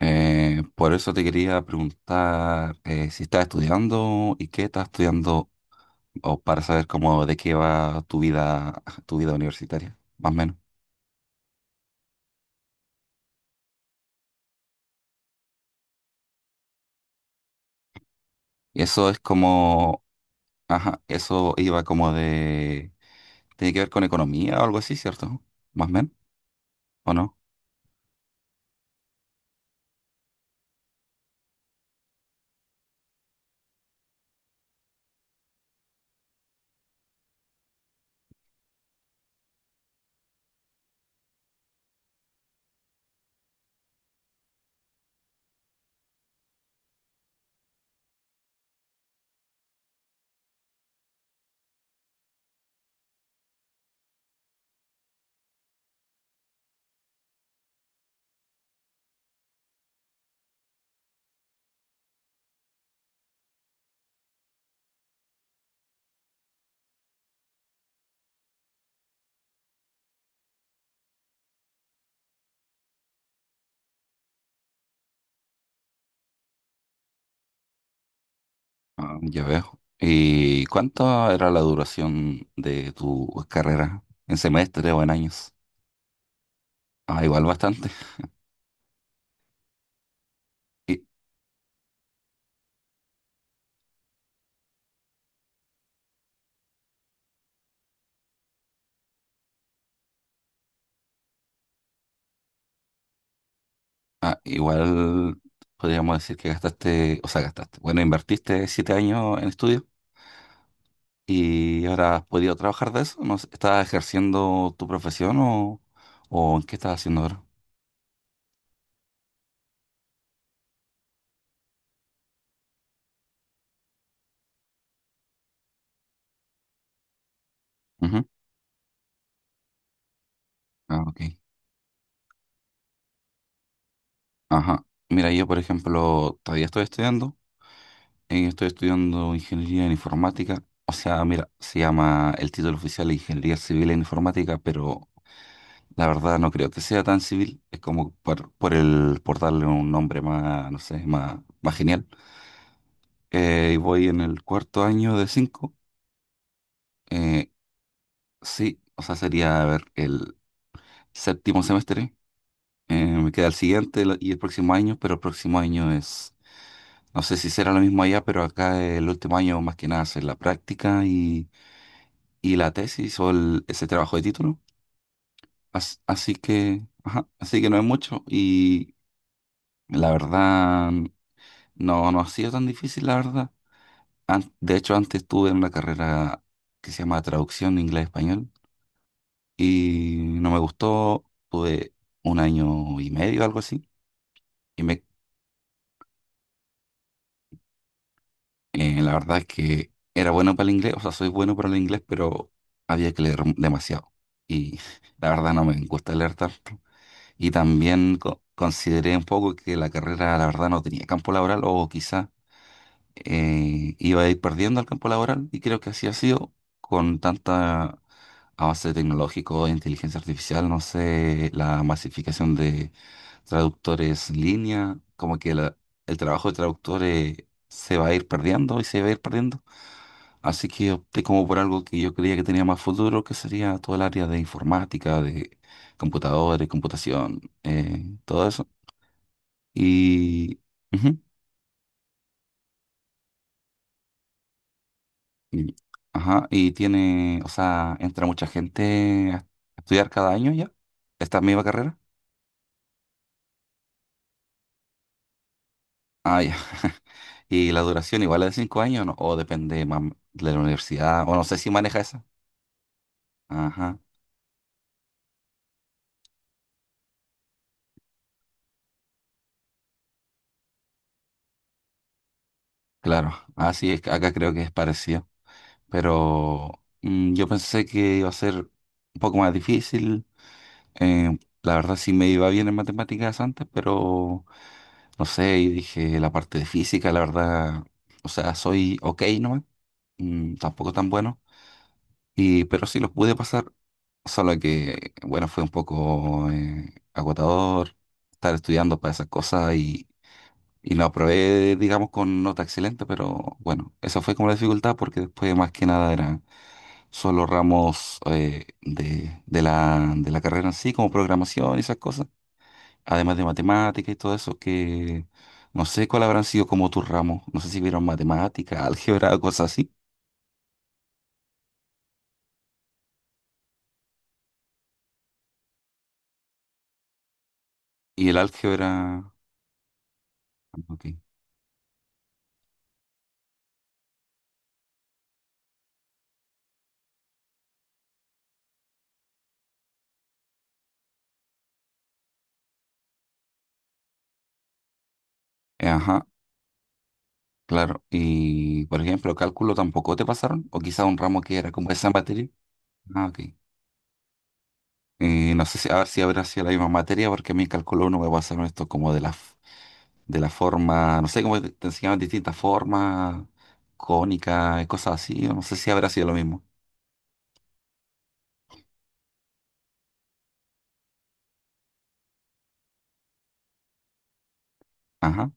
Por eso te quería preguntar, si estás estudiando y qué estás estudiando, o para saber cómo de qué va tu vida universitaria, más o menos. Y eso es como, ajá, eso iba como de, tiene que ver con economía o algo así, ¿cierto? Más o menos, ¿o no? Ah, ya veo. ¿Y cuánto era la duración de tu carrera? ¿En semestre o en años? Ah, igual bastante. Ah, igual podríamos decir que gastaste, o sea, gastaste. Bueno, invertiste 7 años en estudio y ahora has podido trabajar de eso. ¿No sé, estás ejerciendo tu profesión o qué estás haciendo ahora? Ujú. Ah, ok. Ajá. Mira, yo, por ejemplo, todavía estoy estudiando. Estoy estudiando ingeniería en informática. O sea, mira, se llama el título oficial Ingeniería Civil en Informática, pero la verdad no creo que sea tan civil, es como por por darle un nombre más, no sé, más genial. Y voy en el cuarto año de cinco. eh, sí, o sea, sería, a ver, el séptimo semestre. Me queda el siguiente y el próximo año, pero el próximo año es, no sé si será lo mismo allá, pero acá el último año más que nada es la práctica y la tesis ese trabajo de título. Así que, ajá, así que no es mucho y la verdad... no, no ha sido tan difícil, la verdad. De hecho, antes estuve en una carrera que se llama traducción de inglés-español y no me gustó. Tuve un año y medio, algo así. Y me, la verdad es que era bueno para el inglés, o sea, soy bueno para el inglés, pero había que leer demasiado. Y la verdad no me gusta leer tanto. Y también consideré un poco que la carrera, la verdad, no tenía campo laboral o quizás iba a ir perdiendo el campo laboral y creo que así ha sido con tanta avance tecnológico, inteligencia artificial, no sé, la masificación de traductores en línea, como que el trabajo de traductores se va a ir perdiendo y se va a ir perdiendo. Así que opté como por algo que yo creía que tenía más futuro, que sería todo el área de informática, de computadores, computación, todo eso. Y... ujú. Y- ajá, y tiene, o sea, entra mucha gente a estudiar cada año ya, esta misma carrera. Ah, ya. Y la duración igual es de 5 años, ¿no? O depende de la universidad, o no sé si maneja esa. Ajá, claro. Ah, sí, es que acá creo que es parecido. Pero yo pensé que iba a ser un poco más difícil. Eh, la verdad sí me iba bien en matemáticas antes, pero no sé, y dije la parte de física, la verdad, o sea, soy ok nomás, tampoco tan buenos, pero sí los pude pasar, solo que, bueno, fue un poco agotador estar estudiando para esas cosas y, lo aprobé, digamos, con nota excelente, pero bueno, esa fue como la dificultad porque después más que nada eran solo ramos de la carrera en sí, como programación y esas cosas, además de matemática y todo eso que... no sé cuál habrán sido como tus ramos. No sé si vieron matemática, álgebra o cosas así. Y el álgebra. Ok. Ajá, claro. Y, por ejemplo, cálculo tampoco te pasaron, o quizá un ramo que era como esa materia. Ah, ok. No sé si, a ver si habrá sido la misma materia, porque a mí en cálculo no me pasaron esto como de de la forma, no sé cómo te enseñaban distintas formas, cónicas, cosas así, o no sé si habrá sido lo mismo. Ajá,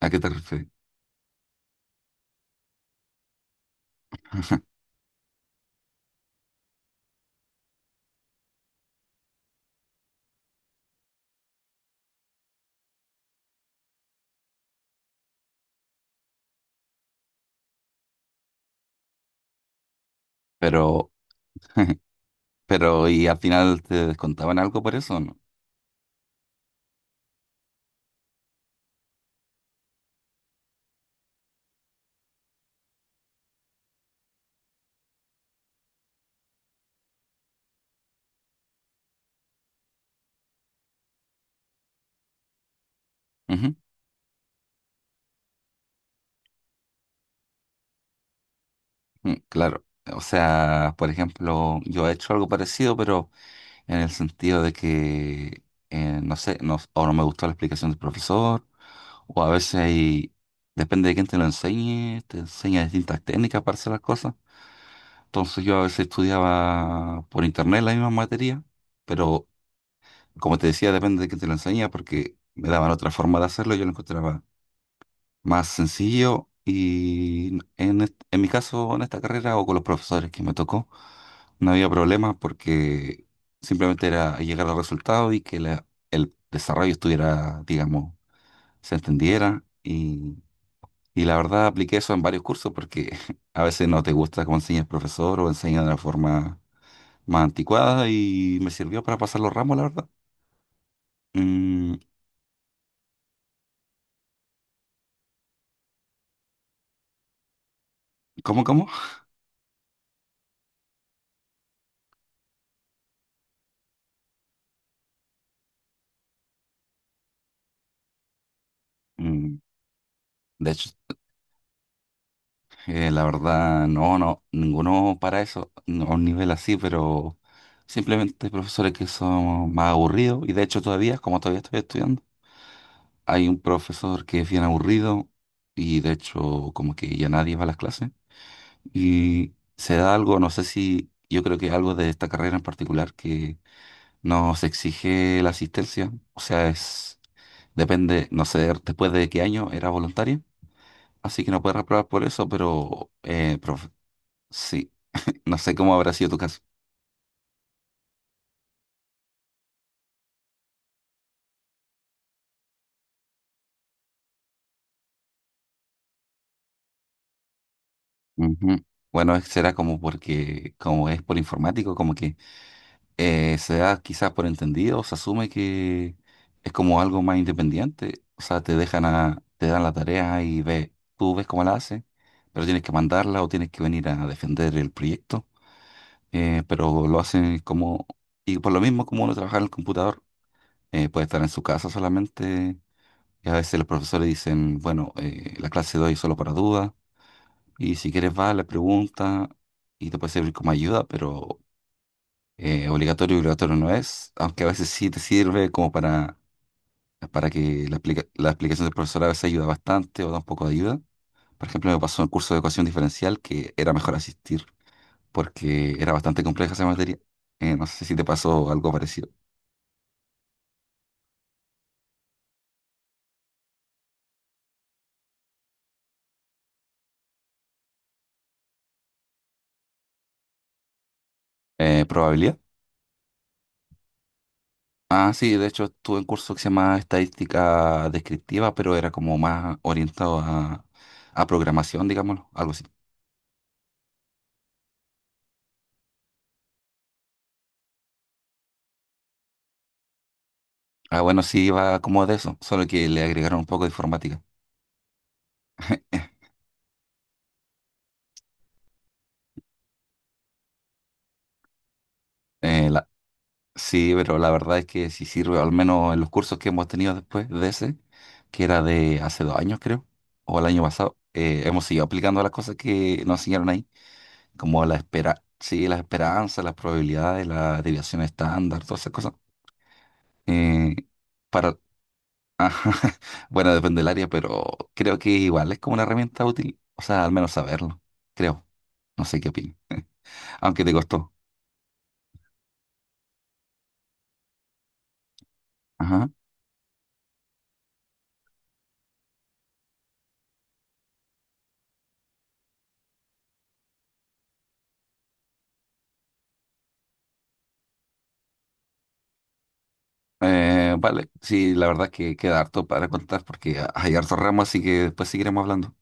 ¿a qué te refieres? Pero, pero, ¿y al final te descontaban algo por eso o no? Ujú, mm, claro. O sea, por ejemplo, yo he hecho algo parecido, pero en el sentido de que, no sé, no, o no me gustó la explicación del profesor, o a veces depende de quién te lo enseñe, te enseña distintas técnicas para hacer las cosas. Entonces yo a veces estudiaba por internet la misma materia, pero como te decía, depende de quién te lo enseña, porque me daban otra forma de hacerlo y yo lo encontraba más sencillo y en mi caso, en esta carrera o con los profesores que me tocó, no había problemas porque simplemente era llegar al resultado y que el desarrollo estuviera, digamos, se entendiera y, la verdad apliqué eso en varios cursos porque a veces no te gusta cómo enseña el profesor o enseña de una forma más anticuada y me sirvió para pasar los ramos, la verdad. Mm, ¿cómo, cómo? Mm, de hecho, la verdad, no, no, ninguno para eso, no, a un nivel así, pero simplemente hay profesores que son más aburridos y de hecho todavía, como todavía estoy estudiando, hay un profesor que es bien aburrido y de hecho como que ya nadie va a las clases y se da algo, no sé si, yo creo que es algo de esta carrera en particular que nos exige la asistencia, o sea, es, depende, no sé, después de qué año era voluntaria así que no puedes reprobar por eso, pero sí. No sé cómo habrá sido tu caso. Ujú. Bueno, será como porque, como es por informático, como que se da quizás por entendido, se asume que es como algo más independiente. O sea, te dan la tarea y tú ves cómo la haces, pero tienes que mandarla o tienes que venir a defender el proyecto. Pero lo hacen como, y por lo mismo como uno trabaja en el computador, puede estar en su casa solamente. Y a veces los profesores dicen, bueno, la clase de hoy es solo para dudas. Y si quieres le pregunta y te puede servir como ayuda, pero obligatorio, obligatorio no es, aunque a veces sí te sirve como para que la explicación del profesor a veces ayuda bastante o da un poco de ayuda. Por ejemplo, me pasó en el curso de ecuación diferencial que era mejor asistir porque era bastante compleja esa materia. No sé si te pasó algo parecido. ¿Probabilidad? Ah, sí, de hecho estuve en curso que se llama estadística descriptiva, pero era como más orientado a programación, digámoslo, algo así. Ah, bueno, sí, va como de eso, solo que le agregaron un poco de informática. Eh, la- sí, pero la verdad es que sí sirve, al menos en los cursos que hemos tenido después de ese, que era de hace 2 años, creo, o el año pasado, hemos seguido aplicando las cosas que nos enseñaron ahí, como la espera, sí, las esperanzas, las probabilidades, la desviación estándar, todas esas cosas. Eh, para, ajá, bueno, depende del área, pero creo que igual es como una herramienta útil, o sea, al menos saberlo, creo. No sé qué opinas, aunque te costó. Ajá. Vale, sí, la verdad que queda harto para contar porque hay harto ramo, así que después seguiremos hablando.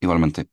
Igualmente.